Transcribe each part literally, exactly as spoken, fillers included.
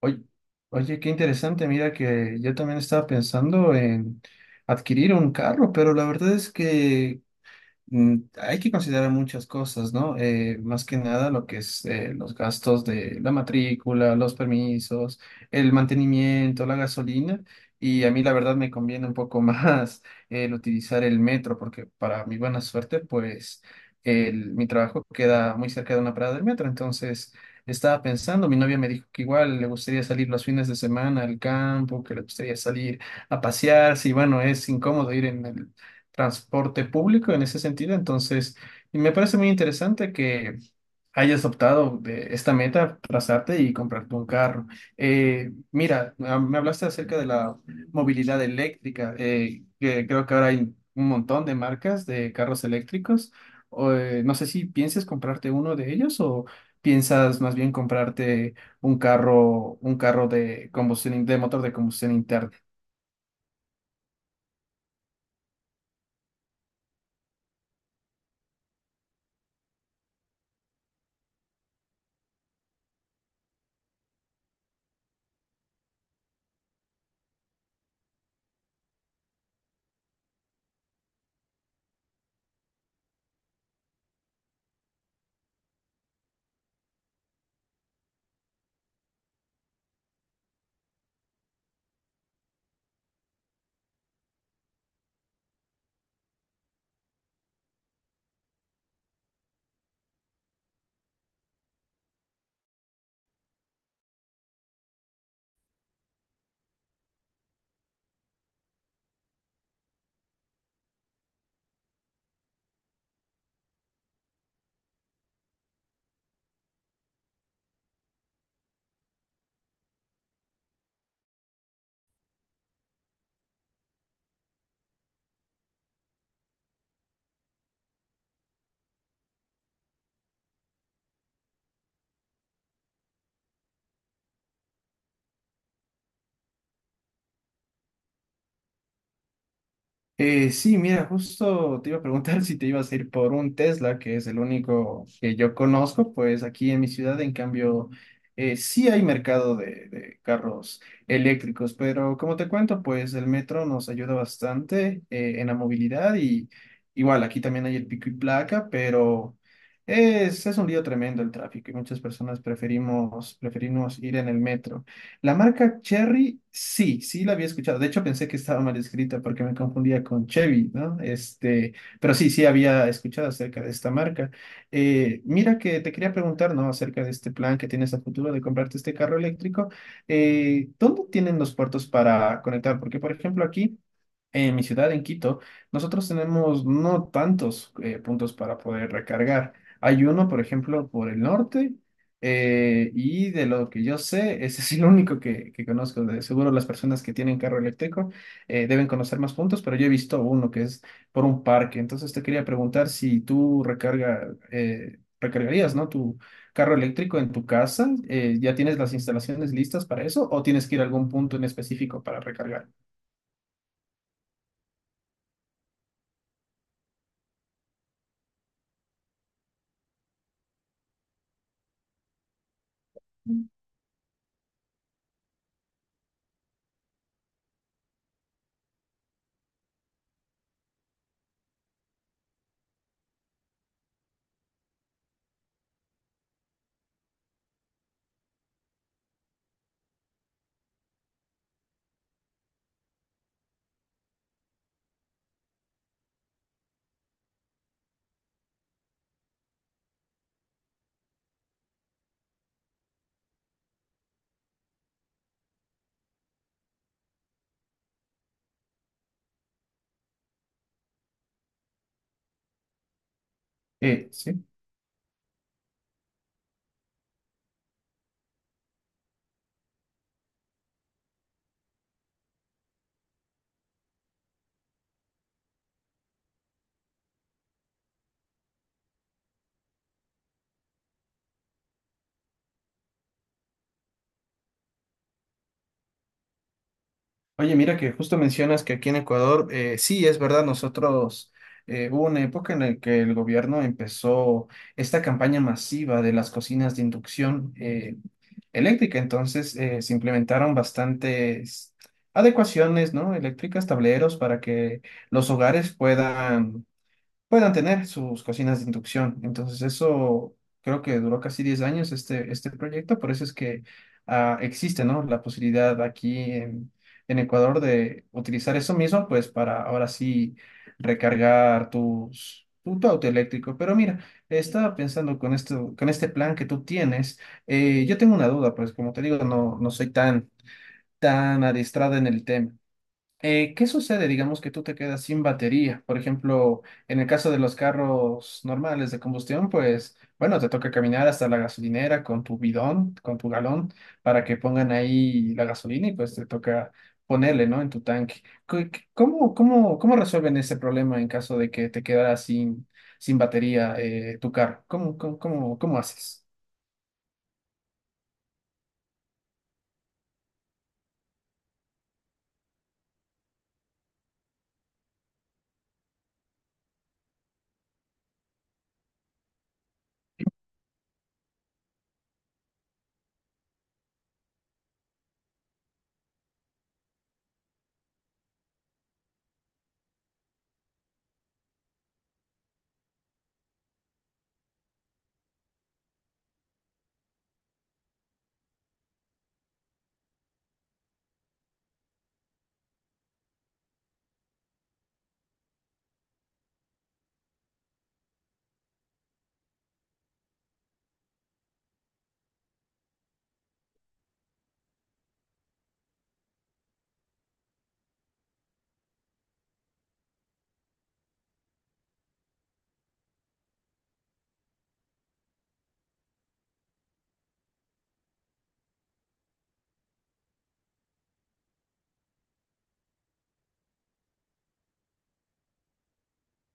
Oye, oye, qué interesante, mira que yo también estaba pensando en adquirir un carro, pero la verdad es que Mm, Hay que considerar muchas cosas, ¿no? Eh, más que nada lo que es eh, los gastos de la matrícula, los permisos, el mantenimiento, la gasolina. Y a mí la verdad me conviene un poco más el utilizar el metro porque para mi buena suerte, pues el- mi trabajo queda muy cerca de una parada del metro. Entonces estaba pensando, mi novia me dijo que igual le gustaría salir los fines de semana al campo, que le gustaría salir a pasear. Sí, bueno, es incómodo ir en el transporte público en ese sentido. Entonces, y me parece muy interesante que hayas optado de esta meta, trazarte y comprarte un carro. Eh, mira, ah, me hablaste acerca de la movilidad eléctrica, eh, que creo que ahora hay un montón de marcas de carros eléctricos. O, eh, no sé si piensas comprarte uno de ellos o piensas más bien comprarte un carro, un carro de combustión, in- de motor de combustión interna. Eh, sí, mira, justo te iba a preguntar si te ibas a ir por un Tesla, que es el único que yo conozco, pues aquí en mi ciudad, en cambio, eh, sí hay mercado de, de carros eléctricos, pero como te cuento, pues el metro nos ayuda bastante eh, en la movilidad y igual aquí también hay el pico y placa, pero es, es un lío tremendo el tráfico y muchas personas preferimos, preferimos ir en el metro. La marca Cherry, sí, sí la había escuchado. De hecho, pensé que estaba mal escrita porque me confundía con Chevy, ¿no? Este, pero sí, sí había escuchado acerca de esta marca. Eh, mira que te quería preguntar, ¿no? Acerca de este plan que tienes a futuro de comprarte este carro eléctrico. Eh, ¿dónde tienen los puertos para conectar? Porque, por ejemplo, aquí en mi ciudad, en Quito, nosotros tenemos no tantos eh, puntos para poder recargar. Hay uno, por ejemplo, por el norte, eh, y de lo que yo sé, ese es el único que, que conozco. De seguro las personas que tienen carro eléctrico eh, deben conocer más puntos, pero yo he visto uno que es por un parque. Entonces te quería preguntar si tú recarga, eh, recargarías, ¿no? Tu carro eléctrico en tu casa. Eh, ¿ya tienes las instalaciones listas para eso o tienes que ir a algún punto en específico para recargar? Eh, sí. Oye, mira que justo mencionas que aquí en Ecuador, eh, sí, es verdad, nosotros eh, hubo una época en la que el gobierno empezó esta campaña masiva de las cocinas de inducción eh, eléctrica, entonces eh, se implementaron bastantes adecuaciones, ¿no? Eléctricas, tableros para que los hogares puedan puedan tener sus cocinas de inducción. Entonces eso creo que duró casi diez años este, este proyecto, por eso es que ah, existe, ¿no? La posibilidad aquí en, en Ecuador de utilizar eso mismo, pues para ahora sí recargar tus... tu tu auto eléctrico, pero mira, estaba pensando con esto, con este plan que tú tienes, eh, yo tengo una duda, pues como te digo, no, no soy tan, tan adiestrada en el tema. Eh, ¿qué sucede? Digamos que tú te quedas sin batería. Por ejemplo, en el caso de los carros normales de combustión, pues bueno, te toca caminar hasta la gasolinera con tu bidón, con tu galón, para que pongan ahí la gasolina y pues te toca ponerle, ¿no? En tu tanque. ¿Qué- qué- ¿Cómo, cómo, cómo resuelven ese problema en caso de que te quedaras sin, sin batería eh, tu carro? ¿Cómo, cómo, cómo, cómo haces?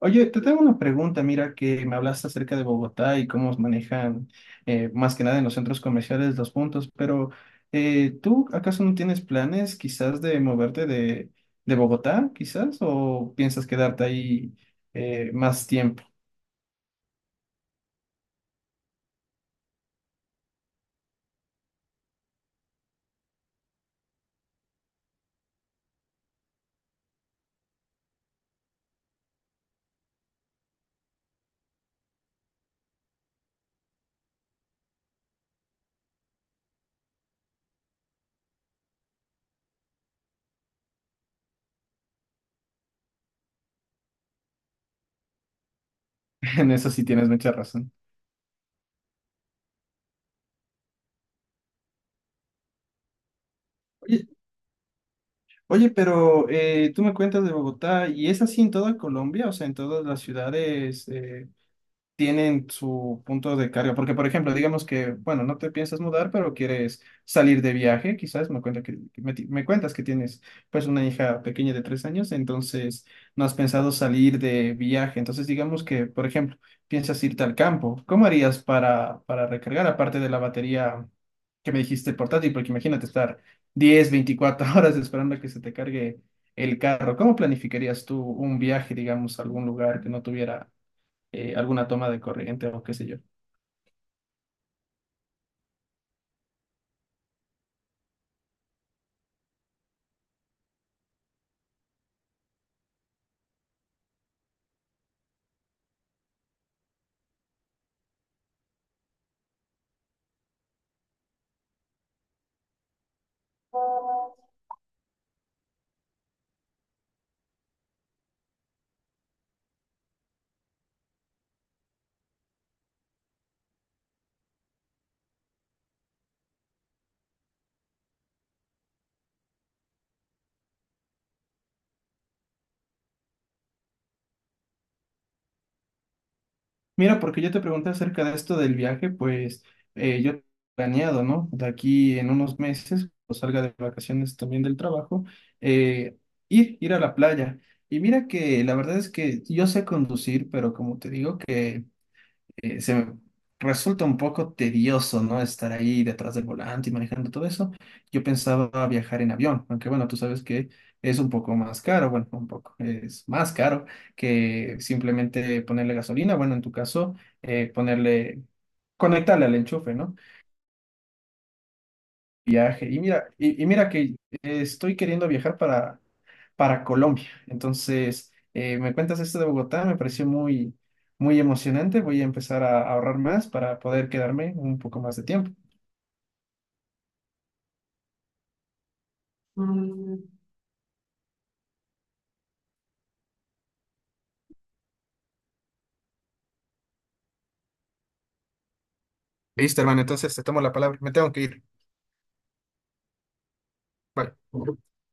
Oye, te tengo una pregunta, mira, que me hablaste acerca de Bogotá y cómo manejan eh, más que nada en los centros comerciales los puntos, pero eh, ¿tú acaso no tienes planes quizás de moverte de, de Bogotá, quizás, o piensas quedarte ahí eh, más tiempo? En eso sí tienes mucha razón. Oye, oye, pero eh, tú me cuentas de Bogotá y es así en toda Colombia, o sea, en todas las ciudades, eh, tienen su punto de carga. Porque, por ejemplo, digamos que, bueno, no te piensas mudar, pero quieres salir de viaje, quizás me cuenta que, me, ti- me cuentas que tienes pues una hija pequeña de tres años, entonces no has pensado salir de viaje. Entonces, digamos que, por ejemplo, piensas irte al campo. ¿Cómo harías para, para recargar, aparte de la batería que me dijiste portátil? Porque imagínate estar diez veinticuatro horas esperando a que se te cargue el carro. ¿Cómo planificarías tú un viaje, digamos, a algún lugar que no tuviera eh, alguna toma de corriente o qué sé yo. Mira, porque yo te pregunté acerca de esto del viaje, pues eh, yo he planeado, ¿no? De aquí en unos meses, cuando salga de vacaciones también del trabajo, eh, ir, ir a la playa. Y mira que la verdad es que yo sé conducir, pero como te digo que eh, se me resulta un poco tedioso, ¿no? Estar ahí detrás del volante y manejando todo eso. Yo pensaba viajar en avión, aunque bueno, tú sabes que es un poco más caro, bueno, un poco, es más caro que simplemente ponerle gasolina, bueno, en tu caso, eh, ponerle, conectarle al enchufe, ¿no? Viaje. Y mira, y, y mira que eh, estoy queriendo viajar para para Colombia. Entonces, eh, me cuentas esto de Bogotá, me pareció muy, muy emocionante. Voy a empezar a ahorrar más para poder quedarme un poco más de tiempo. Listo, hermano, entonces te tomo la palabra. Me tengo que ir. Bye.